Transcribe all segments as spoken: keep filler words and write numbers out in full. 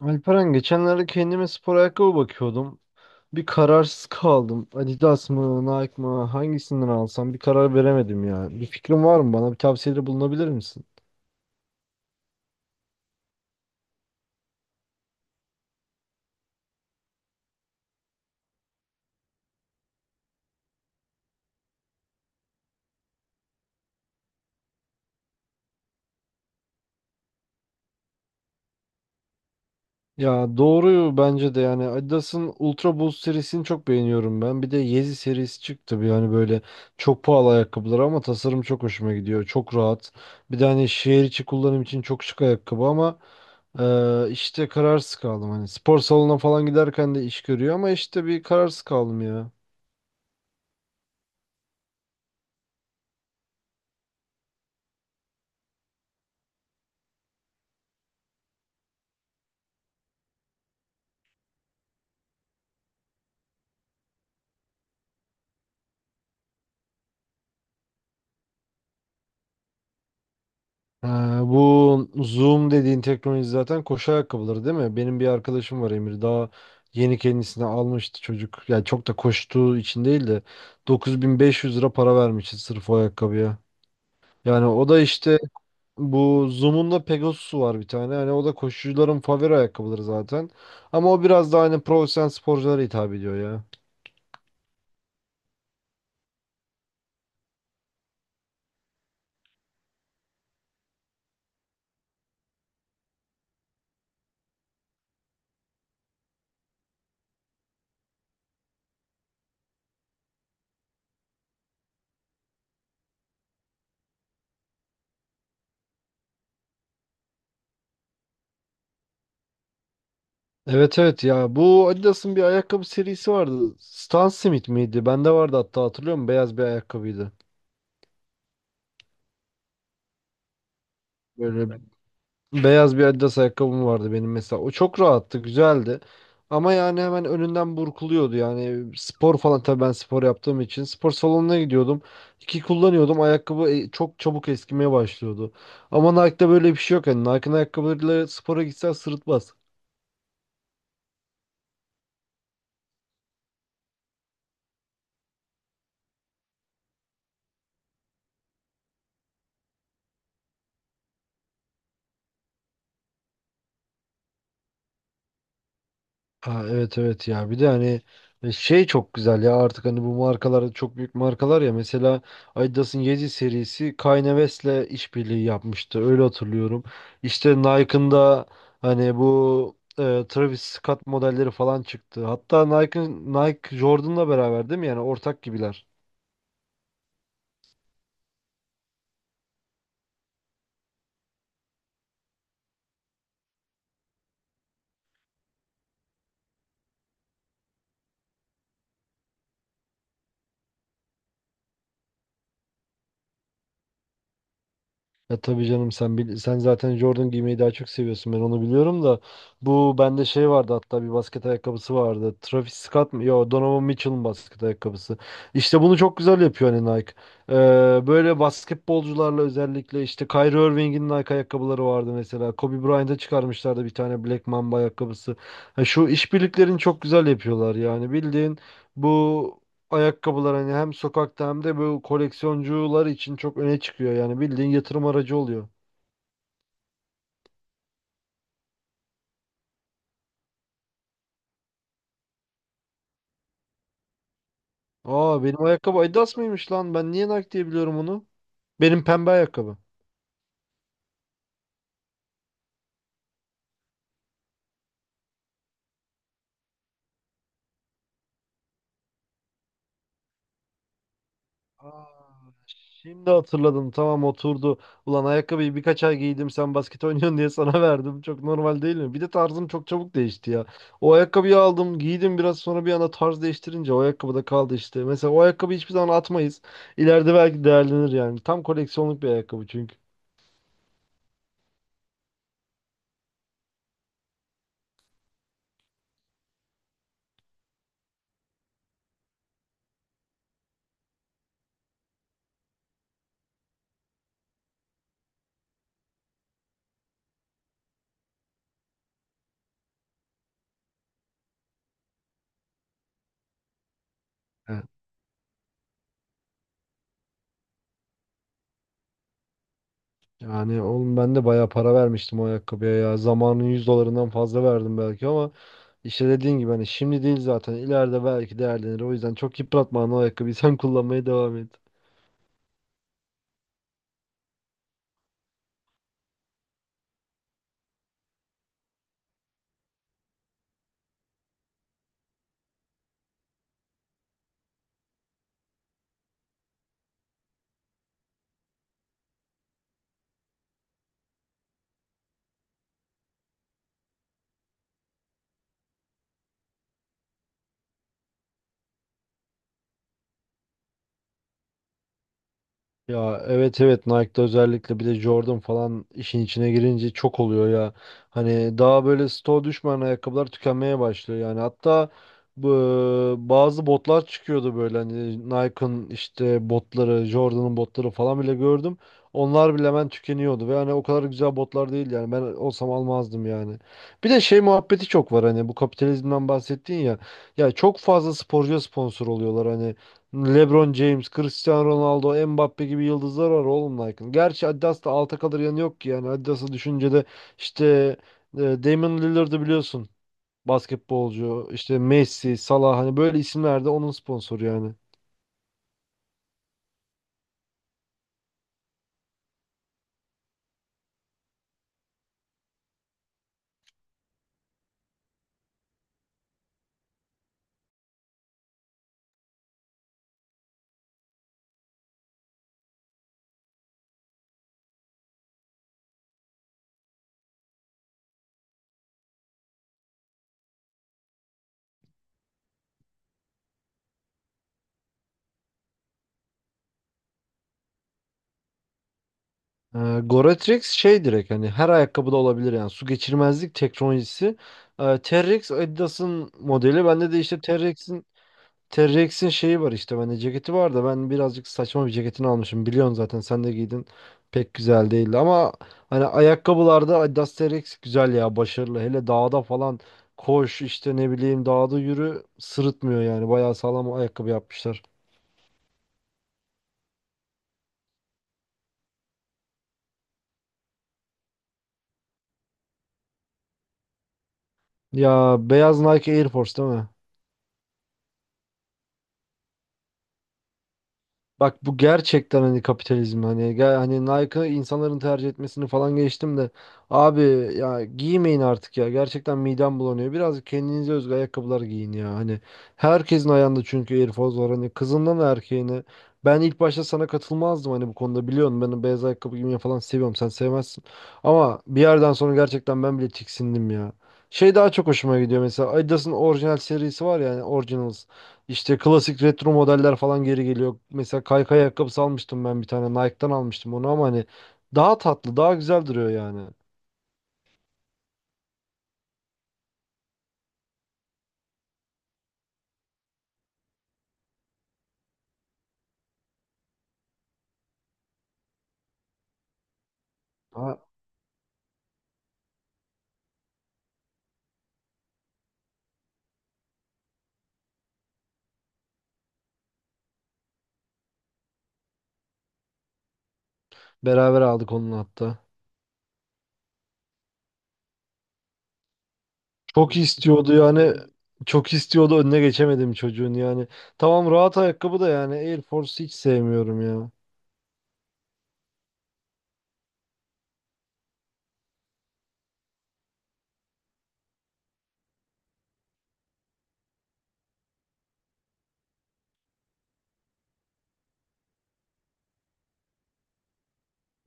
Alperen geçenlerde kendime spor ayakkabı bakıyordum. Bir kararsız kaldım. Adidas mı, Nike mı, hangisinden alsam bir karar veremedim ya. Bir fikrin var mı bana? Bir tavsiyede bulunabilir misin? Ya doğru bence de yani Adidas'ın Ultra Boost serisini çok beğeniyorum ben. Bir de Yeezy serisi çıktı bir yani böyle çok pahalı ayakkabılar ama tasarım çok hoşuma gidiyor. Çok rahat. Bir de hani şehir içi kullanım için çok şık ayakkabı ama ee, işte kararsız kaldım hani spor salonuna falan giderken de iş görüyor ama işte bir kararsız kaldım ya. Ha, bu Zoom dediğin teknoloji zaten koşu ayakkabıları değil mi? Benim bir arkadaşım var Emir. Daha yeni kendisine almıştı çocuk. Yani çok da koştuğu için değil de dokuz bin beş yüz lira para vermişti sırf o ayakkabıya. Yani o da işte bu Zoom'un da Pegasus'u var bir tane. Hani o da koşucuların favori ayakkabıları zaten. Ama o biraz daha hani profesyonel sporculara hitap ediyor ya. Evet evet ya bu Adidas'ın bir ayakkabı serisi vardı. Stan Smith miydi? Bende vardı hatta hatırlıyorum beyaz bir ayakkabıydı. Böyle beyaz bir Adidas ayakkabım vardı benim mesela. O çok rahattı, güzeldi. Ama yani hemen önünden burkuluyordu. Yani spor falan tabii ben spor yaptığım için spor salonuna gidiyordum. İki kullanıyordum. Ayakkabı e, çok çabuk eskimeye başlıyordu. Ama Nike'da böyle bir şey yok. Yani Nike'ın ayakkabılarıyla spora gitsen sırıtmaz. Ha, evet evet ya bir de hani e, şey çok güzel ya artık hani bu markalar çok büyük markalar ya mesela Adidas'ın Yeezy serisi Kanye West'le işbirliği yapmıştı öyle hatırlıyorum. İşte Nike'ın da hani bu e, Travis Scott modelleri falan çıktı. Hatta Nike Nike Jordan'la beraber değil mi yani ortak gibiler. Ya tabii canım sen bil- sen zaten Jordan giymeyi daha çok seviyorsun ben onu biliyorum da bu bende şey vardı hatta bir basket ayakkabısı vardı. Travis Scott mı? Yo, Donovan Mitchell'ın basket ayakkabısı. İşte bunu çok güzel yapıyor hani Nike. Ee, Böyle basketbolcularla özellikle işte Kyrie Irving'in Nike ayakkabıları vardı mesela. Kobe Bryant'a çıkarmışlardı bir tane Black Mamba ayakkabısı. Ha, şu işbirliklerini çok güzel yapıyorlar yani bildiğin bu ayakkabılar hani hem sokakta hem de bu koleksiyoncular için çok öne çıkıyor. Yani bildiğin yatırım aracı oluyor. Aa, benim ayakkabı Adidas mıymış lan? Ben niye Nike diye biliyorum onu? Benim pembe ayakkabı. Aa, şimdi hatırladım. Tamam, oturdu. Ulan ayakkabıyı birkaç ay giydim. Sen basket oynuyorsun diye sana verdim. Çok normal değil mi? Bir de tarzım çok çabuk değişti ya. O ayakkabıyı aldım, giydim biraz sonra bir anda tarz değiştirince o ayakkabı da kaldı işte. Mesela o ayakkabıyı hiçbir zaman atmayız. İleride belki değerlenir yani. Tam koleksiyonluk bir ayakkabı çünkü. He. Yani oğlum ben de bayağı para vermiştim o ayakkabıya ya. Zamanın yüz dolarından fazla verdim belki ama işte dediğin gibi hani şimdi değil zaten ileride belki değerlenir. O yüzden çok yıpratma hani o ayakkabıyı sen kullanmaya devam et. Ya evet evet Nike'da özellikle bir de Jordan falan işin içine girince çok oluyor ya. Hani daha böyle stoğ düşmeyen ayakkabılar tükenmeye başlıyor yani. Hatta bu bazı botlar çıkıyordu böyle hani Nike'ın işte botları, Jordan'ın botları falan bile gördüm. Onlar bile hemen tükeniyordu ve hani o kadar güzel botlar değil yani ben olsam almazdım yani. Bir de şey muhabbeti çok var hani bu kapitalizmden bahsettin ya. Ya çok fazla sporcuya sponsor oluyorlar hani. LeBron James, Cristiano Ronaldo, Mbappe gibi yıldızlar var oğlum Nike'ın. Gerçi Adidas'ta alta kalır yanı yok ki yani. Adidas'ı düşünce de işte e, Damian Lillard'ı biliyorsun. Basketbolcu, işte Messi, Salah hani böyle isimler de onun sponsoru yani. E, Goretrix şey direkt hani her ayakkabıda olabilir yani. Su geçirmezlik teknolojisi. E, Terrex Adidas'ın modeli. Bende de işte Terrex'in T-Rex'in şeyi var işte bende ceketi var da ben birazcık saçma bir ceketini almışım. Biliyorsun zaten sen de giydin. Pek güzel değildi ama hani ayakkabılarda Adidas T-Rex güzel ya başarılı. Hele dağda falan koş işte ne bileyim dağda yürü sırıtmıyor yani. Bayağı sağlam ayakkabı yapmışlar. Ya beyaz Nike Air Force değil mi? Bak bu gerçekten hani kapitalizm hani ge- hani Nike'ı insanların tercih etmesini falan geçtim de abi ya giymeyin artık ya, gerçekten midem bulanıyor. Biraz kendinize özgü ayakkabılar giyin ya hani herkesin ayağında çünkü Air Force var hani kızından erkeğine. Ben ilk başta sana katılmazdım hani bu konuda, biliyorsun ben beyaz ayakkabı giymeyi falan seviyorum sen sevmezsin. Ama bir yerden sonra gerçekten ben bile tiksindim ya. Şey daha çok hoşuma gidiyor mesela, Adidas'ın orijinal serisi var ya yani Originals. İşte klasik retro modeller falan geri geliyor. Mesela kaykay ayakkabısı almıştım ben bir tane. Nike'dan almıştım onu ama hani daha tatlı, daha güzel duruyor yani. Ha, beraber aldık onun hatta. Çok istiyordu yani. Çok istiyordu, önüne geçemedim çocuğun yani. Tamam, rahat ayakkabı da yani Air Force hiç sevmiyorum ya.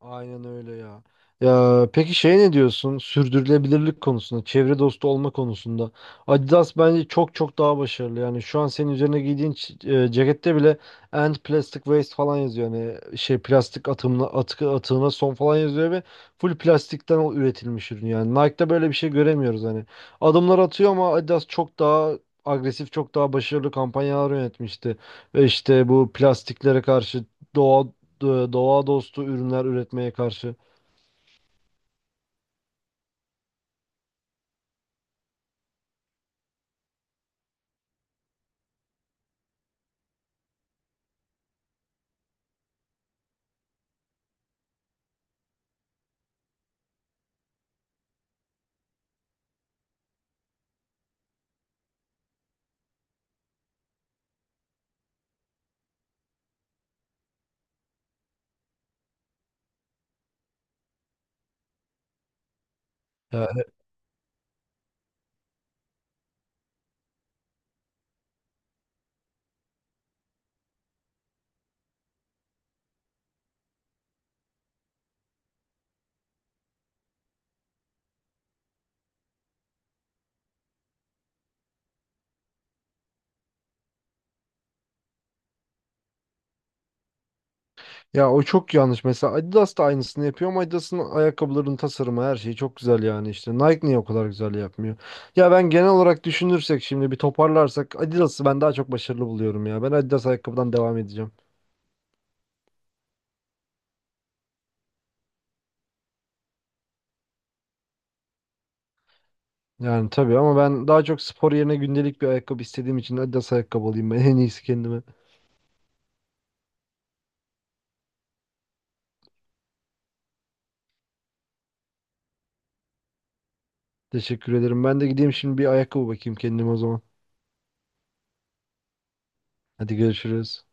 Aynen öyle ya. Ya peki şey ne diyorsun? Sürdürülebilirlik konusunda, çevre dostu olma konusunda. Adidas bence çok çok daha başarılı. Yani şu an senin üzerine giydiğin ç- e, cekette bile End Plastic Waste falan yazıyor. Yani şey plastik atımına, atkı atığına son falan yazıyor ve full plastikten o- üretilmiş ürün. Yani Nike'da böyle bir şey göremiyoruz hani. Adımlar atıyor ama Adidas çok daha agresif, çok daha başarılı kampanyalar yönetmişti. Ve işte bu plastiklere karşı doğa do- doğa dostu ürünler üretmeye karşı. Ya, ya o çok yanlış. Mesela Adidas da aynısını yapıyor ama Adidas'ın ayakkabılarının tasarımı her şeyi çok güzel yani işte. Nike niye o kadar güzel yapmıyor? Ya ben genel olarak düşünürsek şimdi bir toparlarsak Adidas'ı ben daha çok başarılı buluyorum ya. Ben Adidas ayakkabıdan devam edeceğim. Yani tabii ama ben daha çok spor yerine gündelik bir ayakkabı istediğim için Adidas ayakkabı alayım ben en iyisi kendime. Teşekkür ederim. Ben de gideyim şimdi bir ayakkabı bakayım kendime o zaman. Hadi görüşürüz.